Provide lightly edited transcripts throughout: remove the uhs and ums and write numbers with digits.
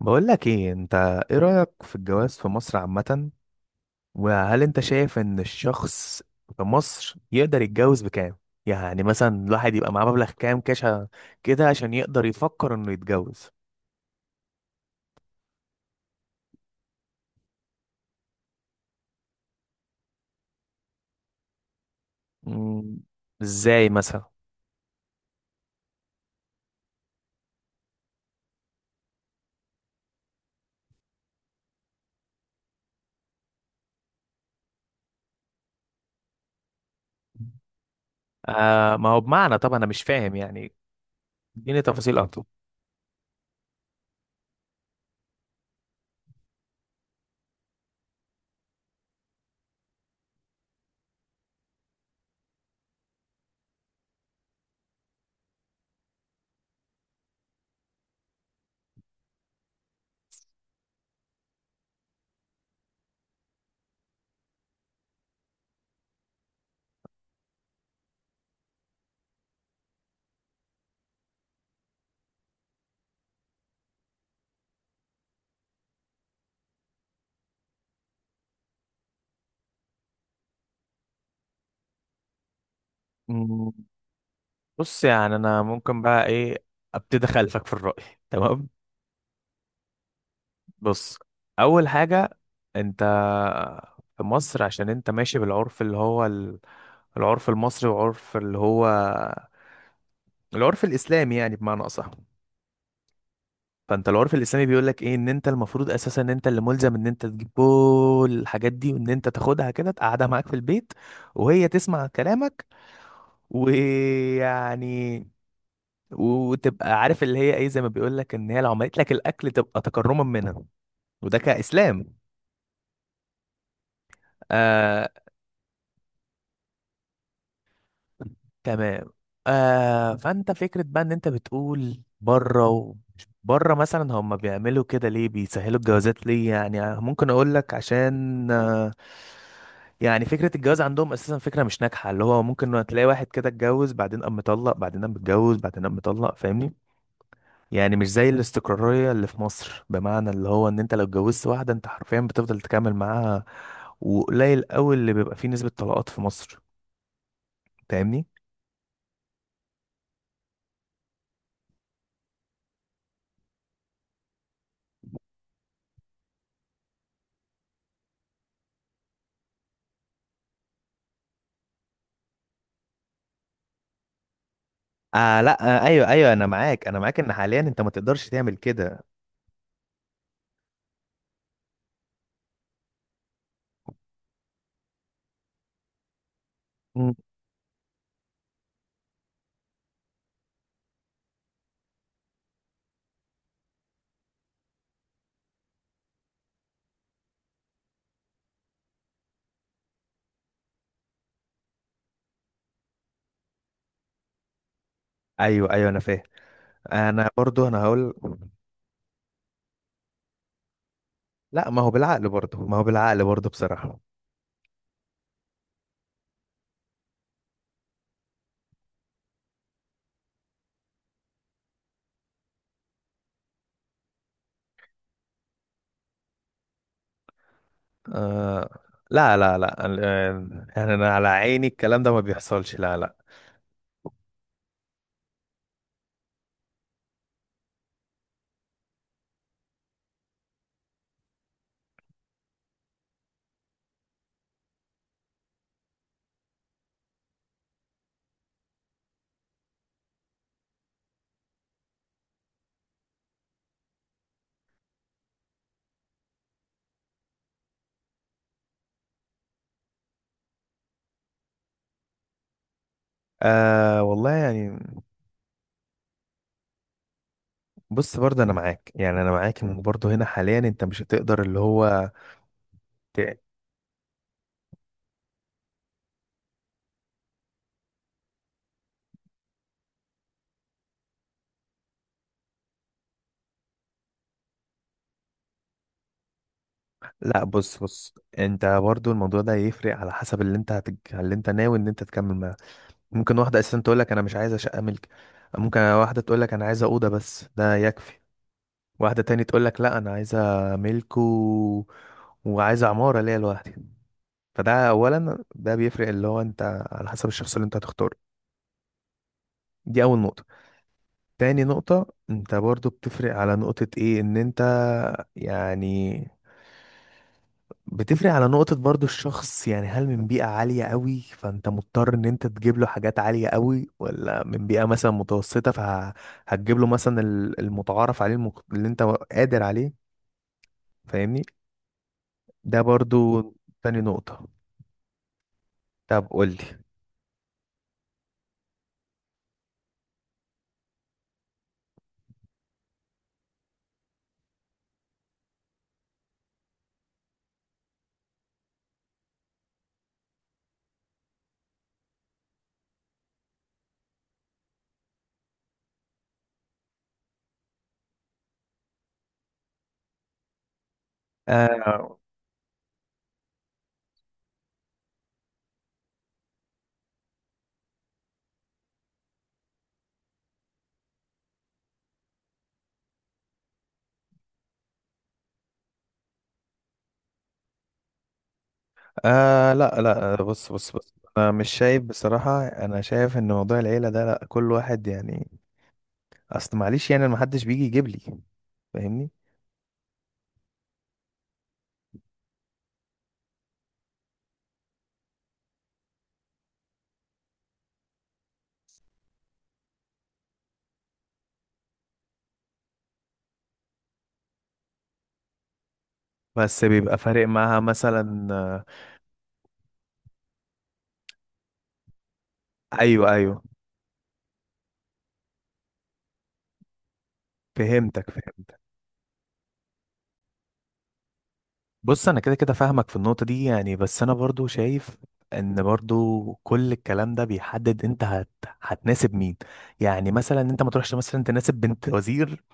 بقول لك ايه انت؟ ايه رأيك في الجواز في مصر عامة؟ وهل انت شايف ان الشخص في مصر يقدر يتجوز بكام؟ يعني مثلا الواحد يبقى معاه مبلغ كام كاش كده عشان يقدر يفكر انه يتجوز؟ مم. ازاي مثلا؟ آه، ما هو بمعنى طبعا انا مش فاهم يعني. اديني تفاصيل اكتر. مم. بص، يعني انا ممكن بقى ايه، ابتدي اخالفك في الرأي تمام. بص، اول حاجه، انت في مصر عشان انت ماشي بالعرف اللي هو العرف المصري، وعرف اللي هو العرف الاسلامي، يعني بمعنى اصح. فانت العرف الاسلامي بيقول لك ايه، ان انت المفروض اساسا ان انت اللي ملزم ان انت تجيب كل الحاجات دي، وان انت تاخدها كده تقعدها معاك في البيت، وهي تسمع كلامك، ويعني، وتبقى عارف اللي هي ايه، زي ما بيقول لك ان هي لو عملت لك الاكل تبقى تكرما منها. وده كاسلام. آه. تمام. آه، فانت فكرة بقى ان انت بتقول بره، ومش بره مثلا هم بيعملوا كده ليه، بيسهلوا الجوازات ليه، يعني ممكن اقول لك عشان يعني فكرة الجواز عندهم اساسا فكرة مش ناجحة، اللي هو ممكن تلاقي واحد كده اتجوز، بعدين قام مطلق، بعدين قام متجوز، بعدين قام مطلق. فاهمني؟ يعني مش زي الاستقرارية اللي في مصر، بمعنى اللي هو ان انت لو اتجوزت واحدة انت حرفيا بتفضل تكمل معاها. وقليل قوي اللي بيبقى فيه نسبة طلاقات في مصر. فاهمني؟ آه، لا، آه، ايوه ايوه، انا معاك، انا معاك ان حاليا انت ما تقدرش تعمل كده. مم. ايوه ايوه، انا فاهم. انا برضو هقول. لا، ما هو بالعقل برضو، ما هو بالعقل برضو، بصراحة. آه، لا، لا، لا. آه، يعني انا على عيني الكلام ده ما بيحصلش. لا، لا. آه والله يعني، بص، برضه انا معاك، يعني انا معاك ان برضه هنا حاليا انت مش هتقدر اللي هو. ت... لا، بص بص، انت برضه الموضوع ده يفرق على حسب اللي انت اللي انت ناوي ان انت تكمل معاه. ممكن واحدة أساسا تقول لك أنا مش عايزة شقة ملك. ممكن واحدة تقول لك أنا عايزة أوضة بس ده يكفي. واحدة تاني تقول لك لا أنا عايزة ملك وعايزة عمارة ليا لوحدي. فده أولا، ده بيفرق اللي هو أنت على حسب الشخص اللي أنت هتختاره. دي أول نقطة. تاني نقطة، أنت برضو بتفرق على نقطة إيه، إن أنت يعني بتفرق على نقطة برضو الشخص، يعني هل من بيئة عالية قوي فانت مضطر ان انت تجيب له حاجات عالية قوي، ولا من بيئة مثلا متوسطة فهتجيب له مثلا المتعارف عليه اللي انت قادر عليه. فاهمني؟ ده برضو تاني نقطة. طب قول لي. آه، آه، لا، لا، بص بص بص، انا مش شايف بصراحة، انا شايف ان موضوع العيلة ده لا كل واحد يعني. اصل معلش، يعني محدش بيجي يجيب لي. فاهمني؟ بس بيبقى فارق معاها مثلا. آه. ايوه ايوه، فهمتك، فهمت. بص، انا كده كده فاهمك في النقطة دي، يعني بس انا برضو شايف ان برضو كل الكلام ده بيحدد انت هتناسب مين. يعني مثلا انت ما تروحش مثلا تناسب بنت وزير،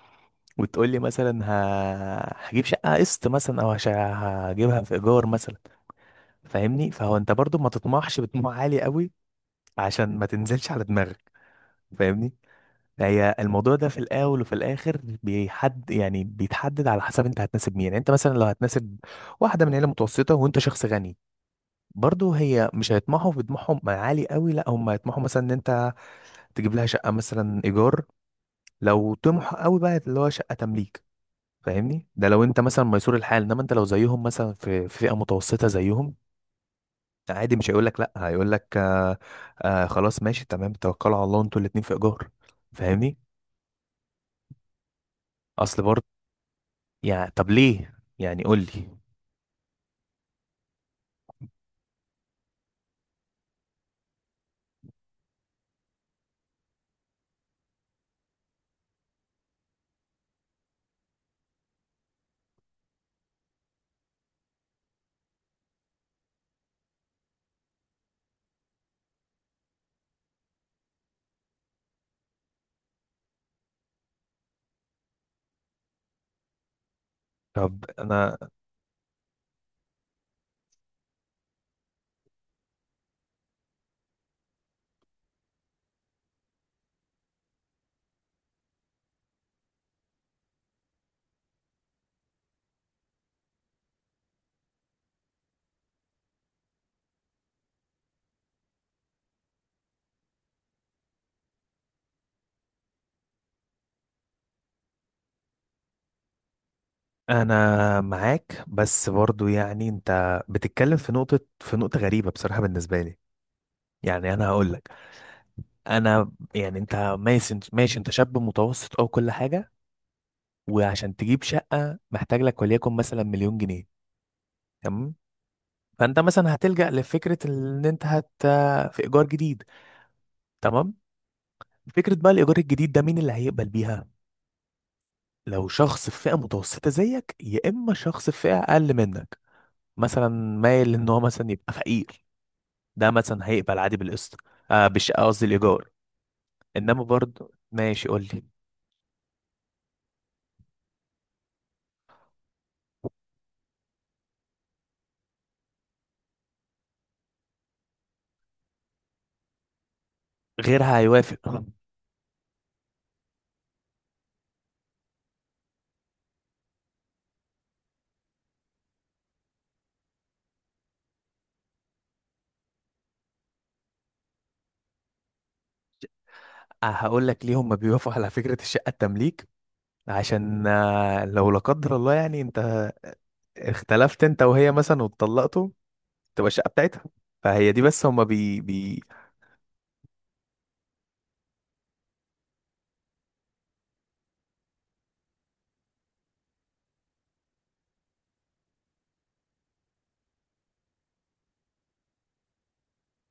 وتقول لي مثلا هجيب شقة قسط مثلا، او هجيبها في ايجار مثلا. فاهمني؟ فهو انت برضو ما تطمحش بطموح عالي قوي، عشان ما تنزلش على دماغك. فاهمني؟ هي الموضوع ده في الاول وفي الاخر يعني بيتحدد على حسب انت هتناسب مين. يعني انت مثلا لو هتناسب واحده من عيله متوسطه وانت شخص غني، برضه هي مش هيطمحوا في طموحهم عالي قوي، لا هم هيطمحوا مثلا ان انت تجيب لها شقه مثلا ايجار. لو طمح قوي بقى اللي هو شقه تمليك. فاهمني؟ ده لو انت مثلا ميسور الحال، انما انت لو زيهم مثلا في فئه متوسطه زيهم، عادي مش هيقول لك لا، هيقول لك آه، آه خلاص ماشي تمام، توكلوا على الله انتوا الاتنين في ايجار. فاهمني؟ اصل، يعني طب ليه يعني قول لي. طب انا معاك، بس برضو يعني انت بتتكلم في نقطة غريبة بصراحة بالنسبة لي. يعني انا هقول لك، انا يعني انت ماشي ماشي، انت شاب متوسط او كل حاجة، وعشان تجيب شقة محتاج لك وليكن مثلا مليون جنيه. تمام. فانت مثلا هتلجأ لفكرة ان انت في ايجار جديد. تمام. فكرة بقى الايجار الجديد ده، مين اللي هيقبل بيها؟ لو شخص في فئة متوسطة زيك، يا اما شخص في فئة اقل منك، مثلا مايل ان هو مثلا يبقى فقير، ده مثلا هيقبل عادي بالقسط. آه، قصدي الايجار. انما برضه ماشي، قول لي. غيرها هيوافق. آه، هقول لك ليه هم بيوافقوا على فكرة الشقة التمليك، عشان آه لو لا قدر الله يعني انت اختلفت انت وهي مثلا واتطلقتوا، تبقى الشقة بتاعتها. فهي دي بس هم بي بي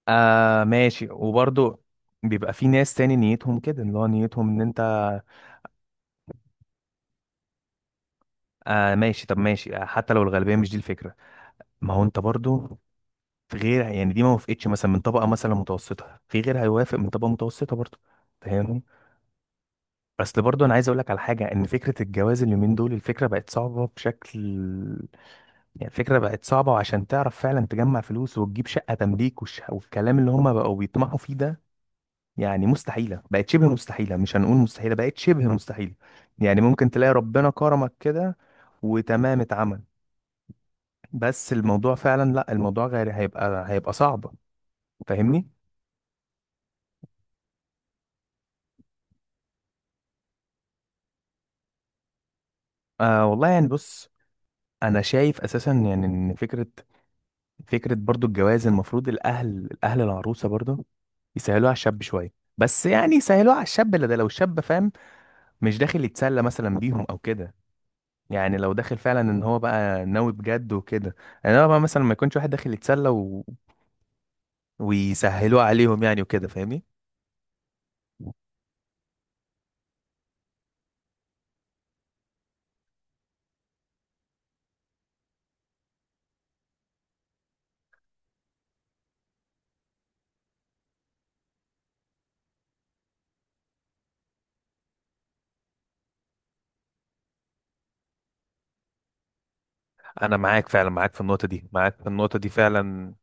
آه، ماشي وبرضه بيبقى في ناس تاني نيتهم كده، اللي هو نيتهم ان انت. آه، ماشي، طب ماشي، آه، حتى لو الغالبية مش دي الفكرة، ما هو انت برضو في غير، يعني دي ما وافقتش مثلا من طبقه مثلا متوسطه، في غير هيوافق من طبقه متوسطه برضه. فاهمني؟ اصل برضه انا عايز اقول لك على حاجه، ان فكره الجواز اليومين دول الفكره بقت صعبه بشكل، يعني الفكره بقت صعبه، وعشان تعرف فعلا تجمع فلوس وتجيب شقه تمليك والكلام اللي هم بقوا بيطمحوا فيه ده، يعني مستحيله، بقت شبه مستحيله، مش هنقول مستحيله بقت شبه مستحيله. يعني ممكن تلاقي ربنا كرمك كده وتمام اتعمل. بس الموضوع فعلا لا، الموضوع غير هيبقى صعب. فاهمني؟ آه والله يعني، بص، انا شايف اساسا يعني ان فكره برضو الجواز، المفروض الاهل العروسه برضو يسهلوها على الشاب شويه، بس يعني يسهلوها على الشاب، اللي ده لو الشاب فاهم، مش داخل يتسلى مثلا بيهم او كده، يعني لو داخل فعلا ان هو بقى ناوي بجد وكده. انا بقى مثلا ما يكونش واحد داخل يتسلى ويسهلوه عليهم يعني وكده. فاهمني؟ انا معاك فعلا، معاك في النقطه دي، معاك في النقطه دي فعلا.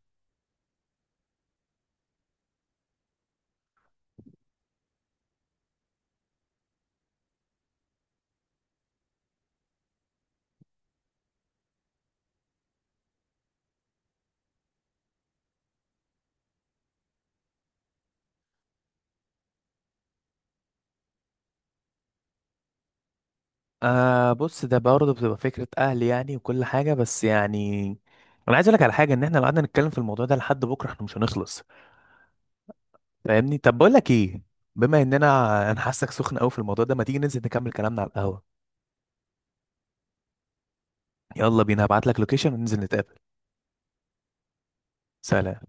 آه، بص، ده برضه بتبقى فكره اهل يعني وكل حاجه، بس يعني انا عايز اقول لك على حاجه، ان احنا لو قعدنا نتكلم في الموضوع ده لحد بكره احنا مش هنخلص. فاهمني؟ طب بقول لك ايه، بما اننا، انا حاسك سخن قوي في الموضوع ده، ما تيجي ننزل نكمل كلامنا على القهوة؟ يلا بينا، هبعت لك لوكيشن وننزل نتقابل. سلام.